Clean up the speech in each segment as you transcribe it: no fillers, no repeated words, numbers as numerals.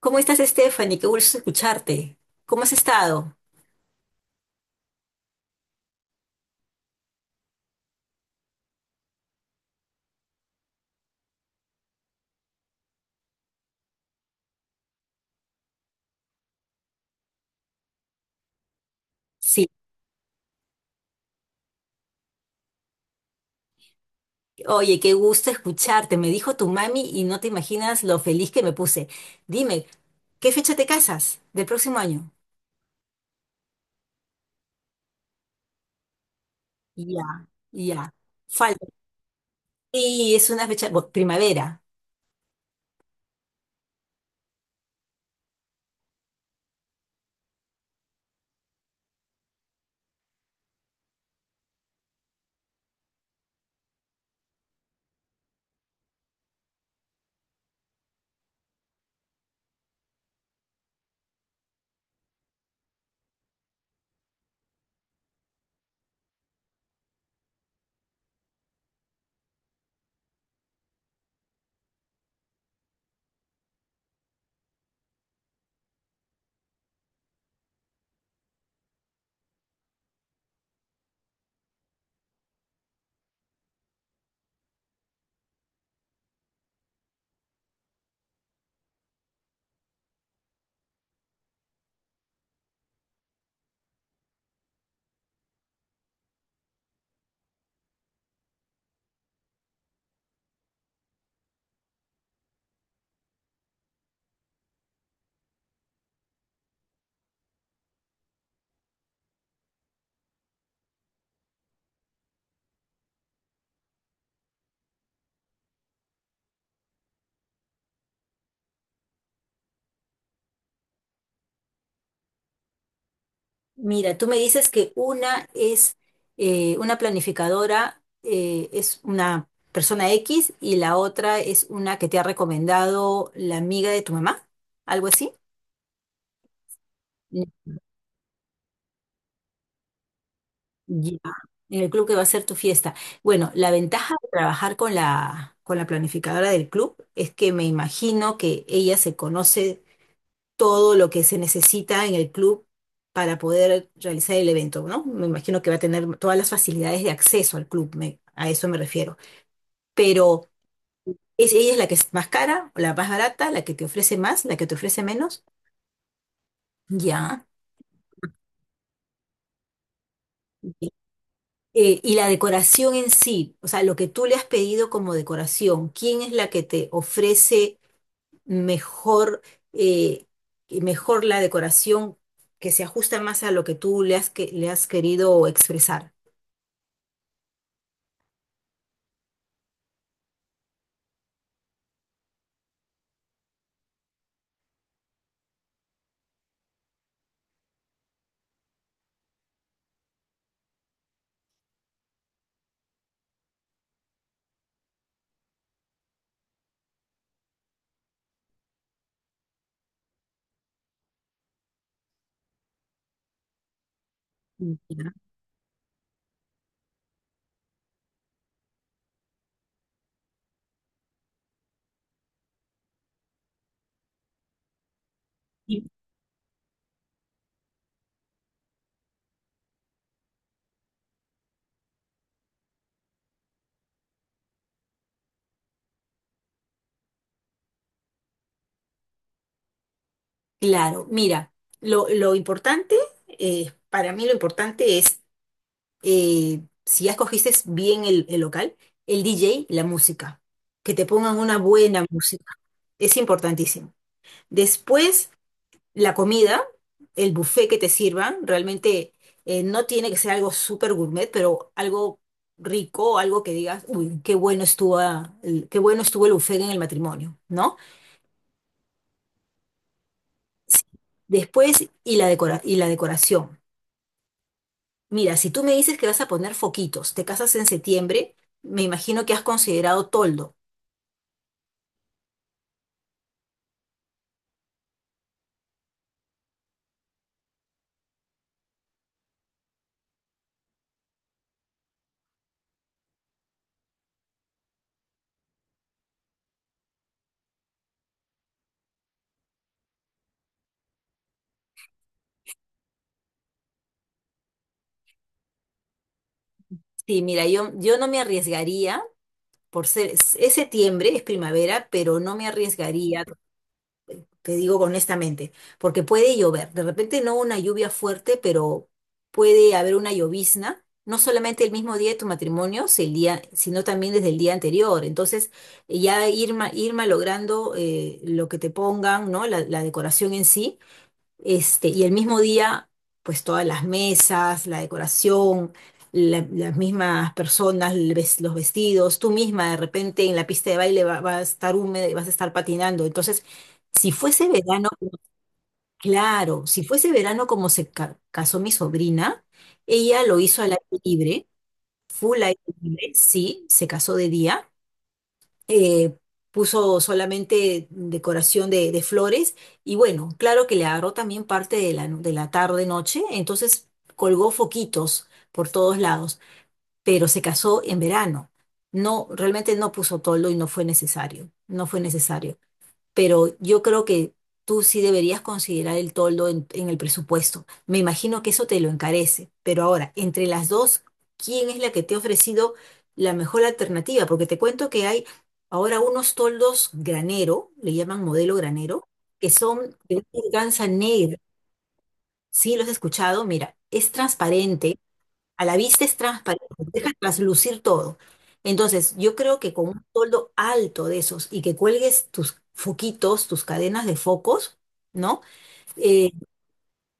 ¿Cómo estás, Stephanie? Qué gusto escucharte. ¿Cómo has estado? Sí, oye, qué gusto escucharte. Me dijo tu mami y no te imaginas lo feliz que me puse. Dime, ¿qué fecha te casas del próximo año? Ya, ya. Falta. Sí, es una fecha, bueno, primavera. Mira, tú me dices que una es una planificadora, es una persona X y la otra es una que te ha recomendado la amiga de tu mamá, algo así. Ya, en el club que va a ser tu fiesta. Bueno, la ventaja de trabajar con la planificadora del club es que me imagino que ella se conoce todo lo que se necesita en el club para poder realizar el evento, ¿no? Me imagino que va a tener todas las facilidades de acceso al club, a eso me refiero. Pero ¿es, ella es la que es más cara, la más barata, la que te ofrece más, la que te ofrece menos? Ya. Y la decoración en sí, o sea, lo que tú le has pedido como decoración, ¿quién es la que te ofrece mejor, eh, mejor la decoración que se ajusta más a lo que tú le has, que, le has querido expresar? Ya. Y- Claro, mira, lo importante, para mí lo importante es, si ya escogiste bien el local, el DJ, la música, que te pongan una buena música, es importantísimo. Después... la comida, el buffet que te sirvan, realmente no tiene que ser algo súper gourmet, pero algo rico, algo que digas, uy, qué bueno estuvo, ah, qué bueno estuvo el buffet en el matrimonio, ¿no? Sí. Después, y y la decoración. Mira, si tú me dices que vas a poner foquitos, te casas en septiembre, me imagino que has considerado toldo. Sí, mira, yo no me arriesgaría por ser, es septiembre, es primavera, pero no me arriesgaría te digo honestamente, porque puede llover, de repente no una lluvia fuerte, pero puede haber una llovizna, no solamente el mismo día de tu matrimonio, si el día- sino también desde el día anterior. Entonces, ir malogrando lo que te pongan, ¿no? La decoración en sí este, y el mismo día, pues todas las mesas, la decoración, las mismas personas, los vestidos, tú misma de repente en la pista de baile va a estar húmeda y vas a estar patinando. Entonces, si fuese verano, claro, si fuese verano como casó mi sobrina, ella lo hizo al aire libre, full aire libre, sí, se casó de día eh, puso solamente decoración de flores y bueno, claro que le agarró también parte de de la tarde-noche, entonces colgó foquitos por todos lados, pero se casó en verano. No, realmente no puso toldo y no fue necesario, no fue necesario, pero yo creo que tú sí deberías considerar el toldo en el presupuesto. Me imagino que eso te lo encarece, pero ahora, entre las dos, ¿quién es la que te ha ofrecido la mejor alternativa? Porque te cuento que hay ahora unos toldos granero, le llaman modelo granero, que son de una organza negra. Sí, los he escuchado, mira, es transparente, a la vista es transparente, deja traslucir todo. Entonces, yo creo que con un toldo alto de esos y que cuelgues tus foquitos, tus cadenas de focos, ¿no? Eh,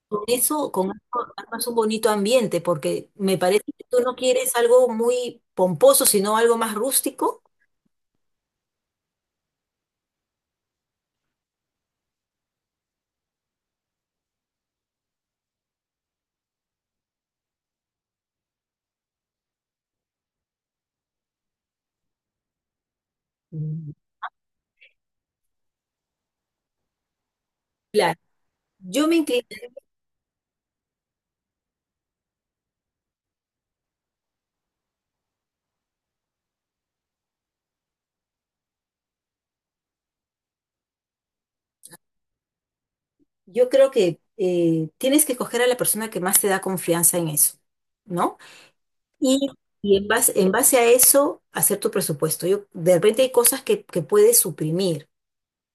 con eso armas un bonito ambiente, porque me parece que tú no quieres algo muy pomposo, sino algo más rústico. Mm, claro, yo me inclino, yo creo que tienes que escoger a la persona que más te da confianza en eso, ¿no? Y, y en base a eso, hacer tu presupuesto. Yo, de repente hay cosas que puedes suprimir.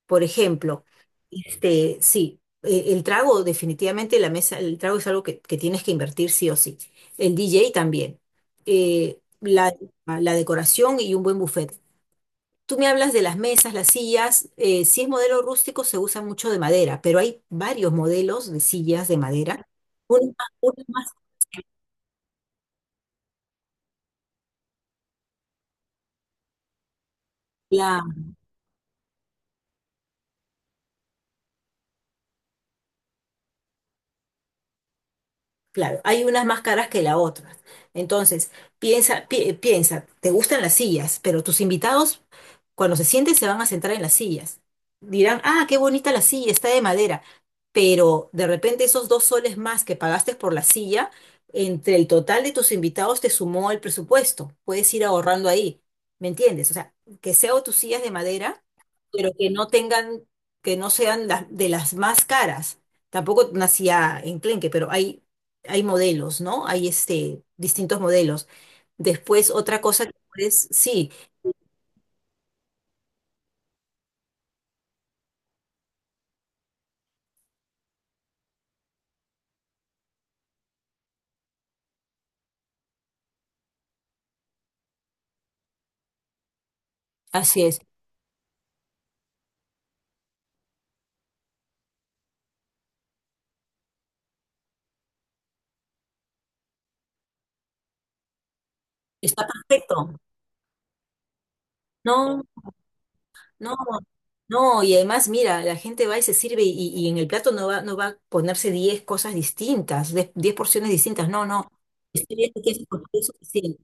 Por ejemplo, este, sí, el trago, definitivamente la mesa, el trago es algo que tienes que invertir sí o sí. El DJ también. Eh, la, la decoración y un buen buffet. Tú me hablas de las mesas, las sillas. Si es modelo rústico, se usa mucho de madera, pero hay varios modelos de sillas de madera. Unas más claro, hay unas más caras que las otras. Entonces, piensa, te gustan las sillas, pero tus invitados, cuando se sienten, se van a sentar en las sillas. Dirán, ah, qué bonita la silla, está de madera. Pero de repente esos dos soles más que pagaste por la silla, entre el total de tus invitados te sumó el presupuesto. Puedes ir ahorrando ahí, ¿me entiendes? O sea, que sea o tus sillas de madera, pero que no tengan, que no sean las de las más caras. Tampoco nacía enclenque, pero hay modelos, ¿no? Hay este, distintos modelos. Después, otra cosa que puedes, sí, así es, está perfecto. No, no, no, y además, mira, la gente va y se sirve y en el plato no va, no va a ponerse 10 cosas distintas, 10 porciones distintas, no, no. Estoy bien que es suficiente.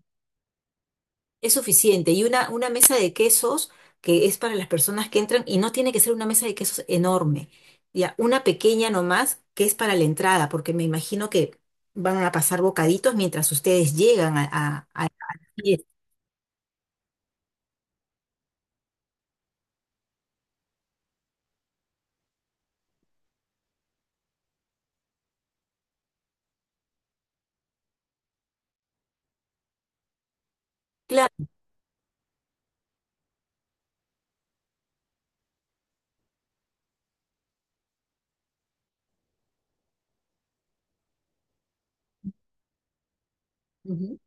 Es suficiente. Y una mesa de quesos que es para las personas que entran y no tiene que ser una mesa de quesos enorme. Ya, una pequeña nomás que es para la entrada, porque me imagino que van a pasar bocaditos mientras ustedes llegan a la fiesta. Claro. Ujú.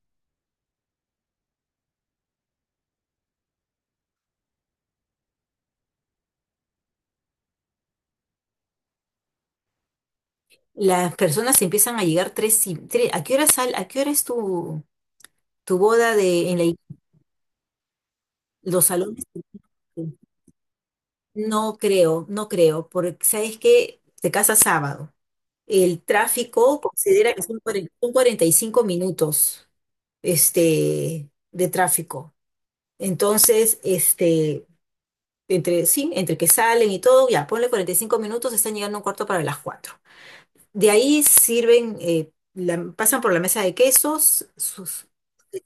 Las personas empiezan a llegar tres y tres. ¿A qué hora sal, a qué hora es tu, tu boda de en los salones? No creo, no creo, porque sabes que te casas sábado. El tráfico considera que son son 45 minutos este, de tráfico. Entonces, este, entre, sí, entre que salen y todo, ya, ponle 45 minutos, están llegando a un cuarto para las cuatro. De ahí sirven, pasan por la mesa de quesos, sus,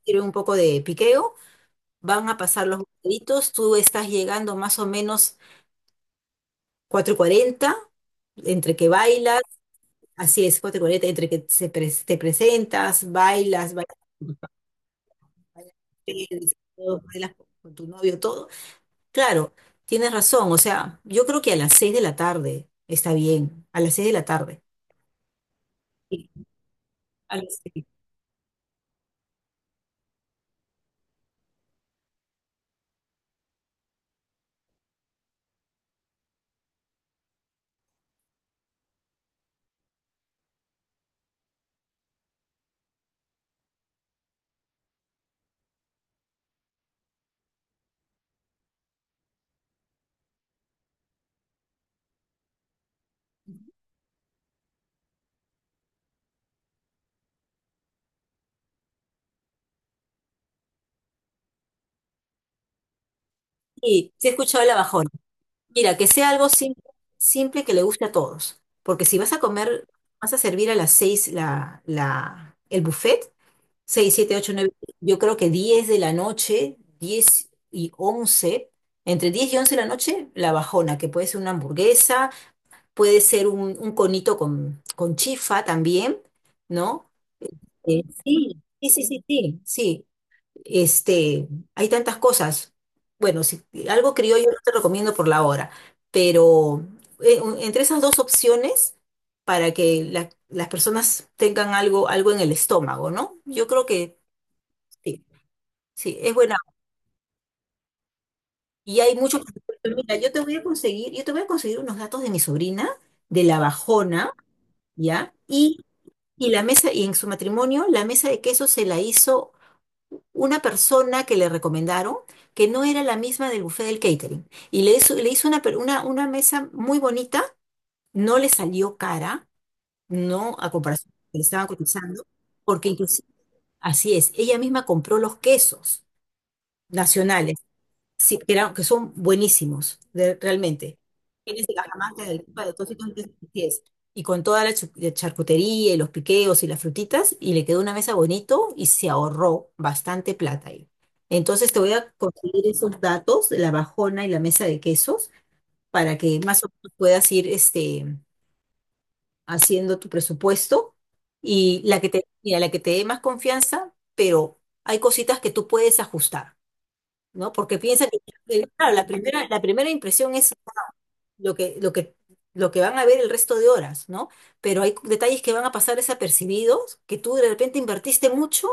sirven un poco de piqueo, van a pasar los bocaditos, tú estás llegando más o menos cuatro y cuarenta entre que bailas, así es, cuatricoleta, entre que te presentas, bailas, bailas, bailas, bailas todo, bailas con tu novio, todo. Claro, tienes razón, o sea, yo creo que a las seis de la tarde está bien, a las seis de la tarde. Sí, a las seis. Sí, sí he escuchado la bajona. Mira, que sea algo simple, simple que le guste a todos, porque si vas a comer, vas a servir a las seis el buffet, 6 siete 8 nueve, yo creo que 10 de la noche, 10 y once, entre 10 y 11 de la noche, la bajona, que puede ser una hamburguesa, puede ser un conito con chifa también, ¿no? Sí, sí, sí, sí, sí, sí. Este, hay tantas cosas. Bueno, si algo criollo no te recomiendo por la hora, pero entre esas dos opciones, para que las personas tengan algo, algo en el estómago, ¿no? Yo creo que... sí. Sí, es buena. Y hay muchos. Mira, yo te voy a conseguir, yo te voy a conseguir unos datos de mi sobrina, de la Bajona, ¿ya? Y la mesa, y en su matrimonio, la mesa de queso se la hizo una persona que le recomendaron, que no era la misma del buffet del catering. Y le hizo una, una mesa muy bonita, no le salió cara, no a comparación de lo que le estaban cotizando, porque inclusive, así es, ella misma compró los quesos nacionales. Sí, que, que son buenísimos, realmente. Tienes de Cajamarca, del Tupa, de todos sitios donde te pides. Y con toda la charcutería y los piqueos y las frutitas, y le quedó una mesa bonito y se ahorró bastante plata ahí. Entonces te voy a conseguir esos datos, la bajona y la mesa de quesos, para que más o menos puedas ir este, haciendo tu presupuesto. Y la que te, mira, la que te dé más confianza, pero hay cositas que tú puedes ajustar. ¿No? Porque piensan que, claro, la primera impresión es lo que, lo que, lo que van a ver el resto de horas, ¿no? Pero hay detalles que van a pasar desapercibidos, que tú de repente invertiste mucho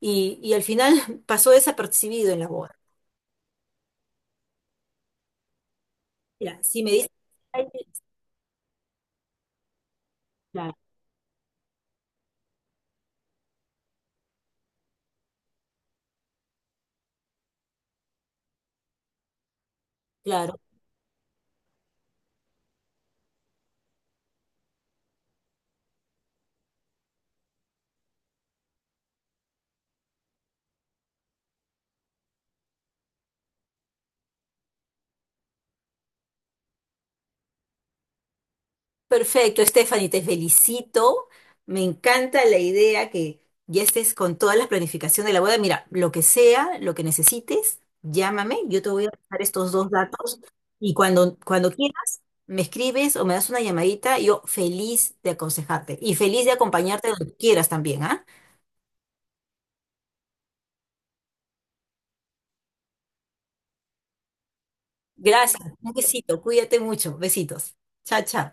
y al final pasó desapercibido en la boda. Mira, si me dices, claro, claro, perfecto, Stephanie, te felicito. Me encanta la idea que ya estés con toda la planificación de la boda. Mira, lo que sea, lo que necesites, llámame. Yo te voy a pasar estos dos datos y cuando, cuando quieras, me escribes o me das una llamadita. Yo feliz de aconsejarte y feliz de acompañarte donde quieras también, ¿ah? Gracias. Un besito. Cuídate mucho. Besitos. Chao, chao.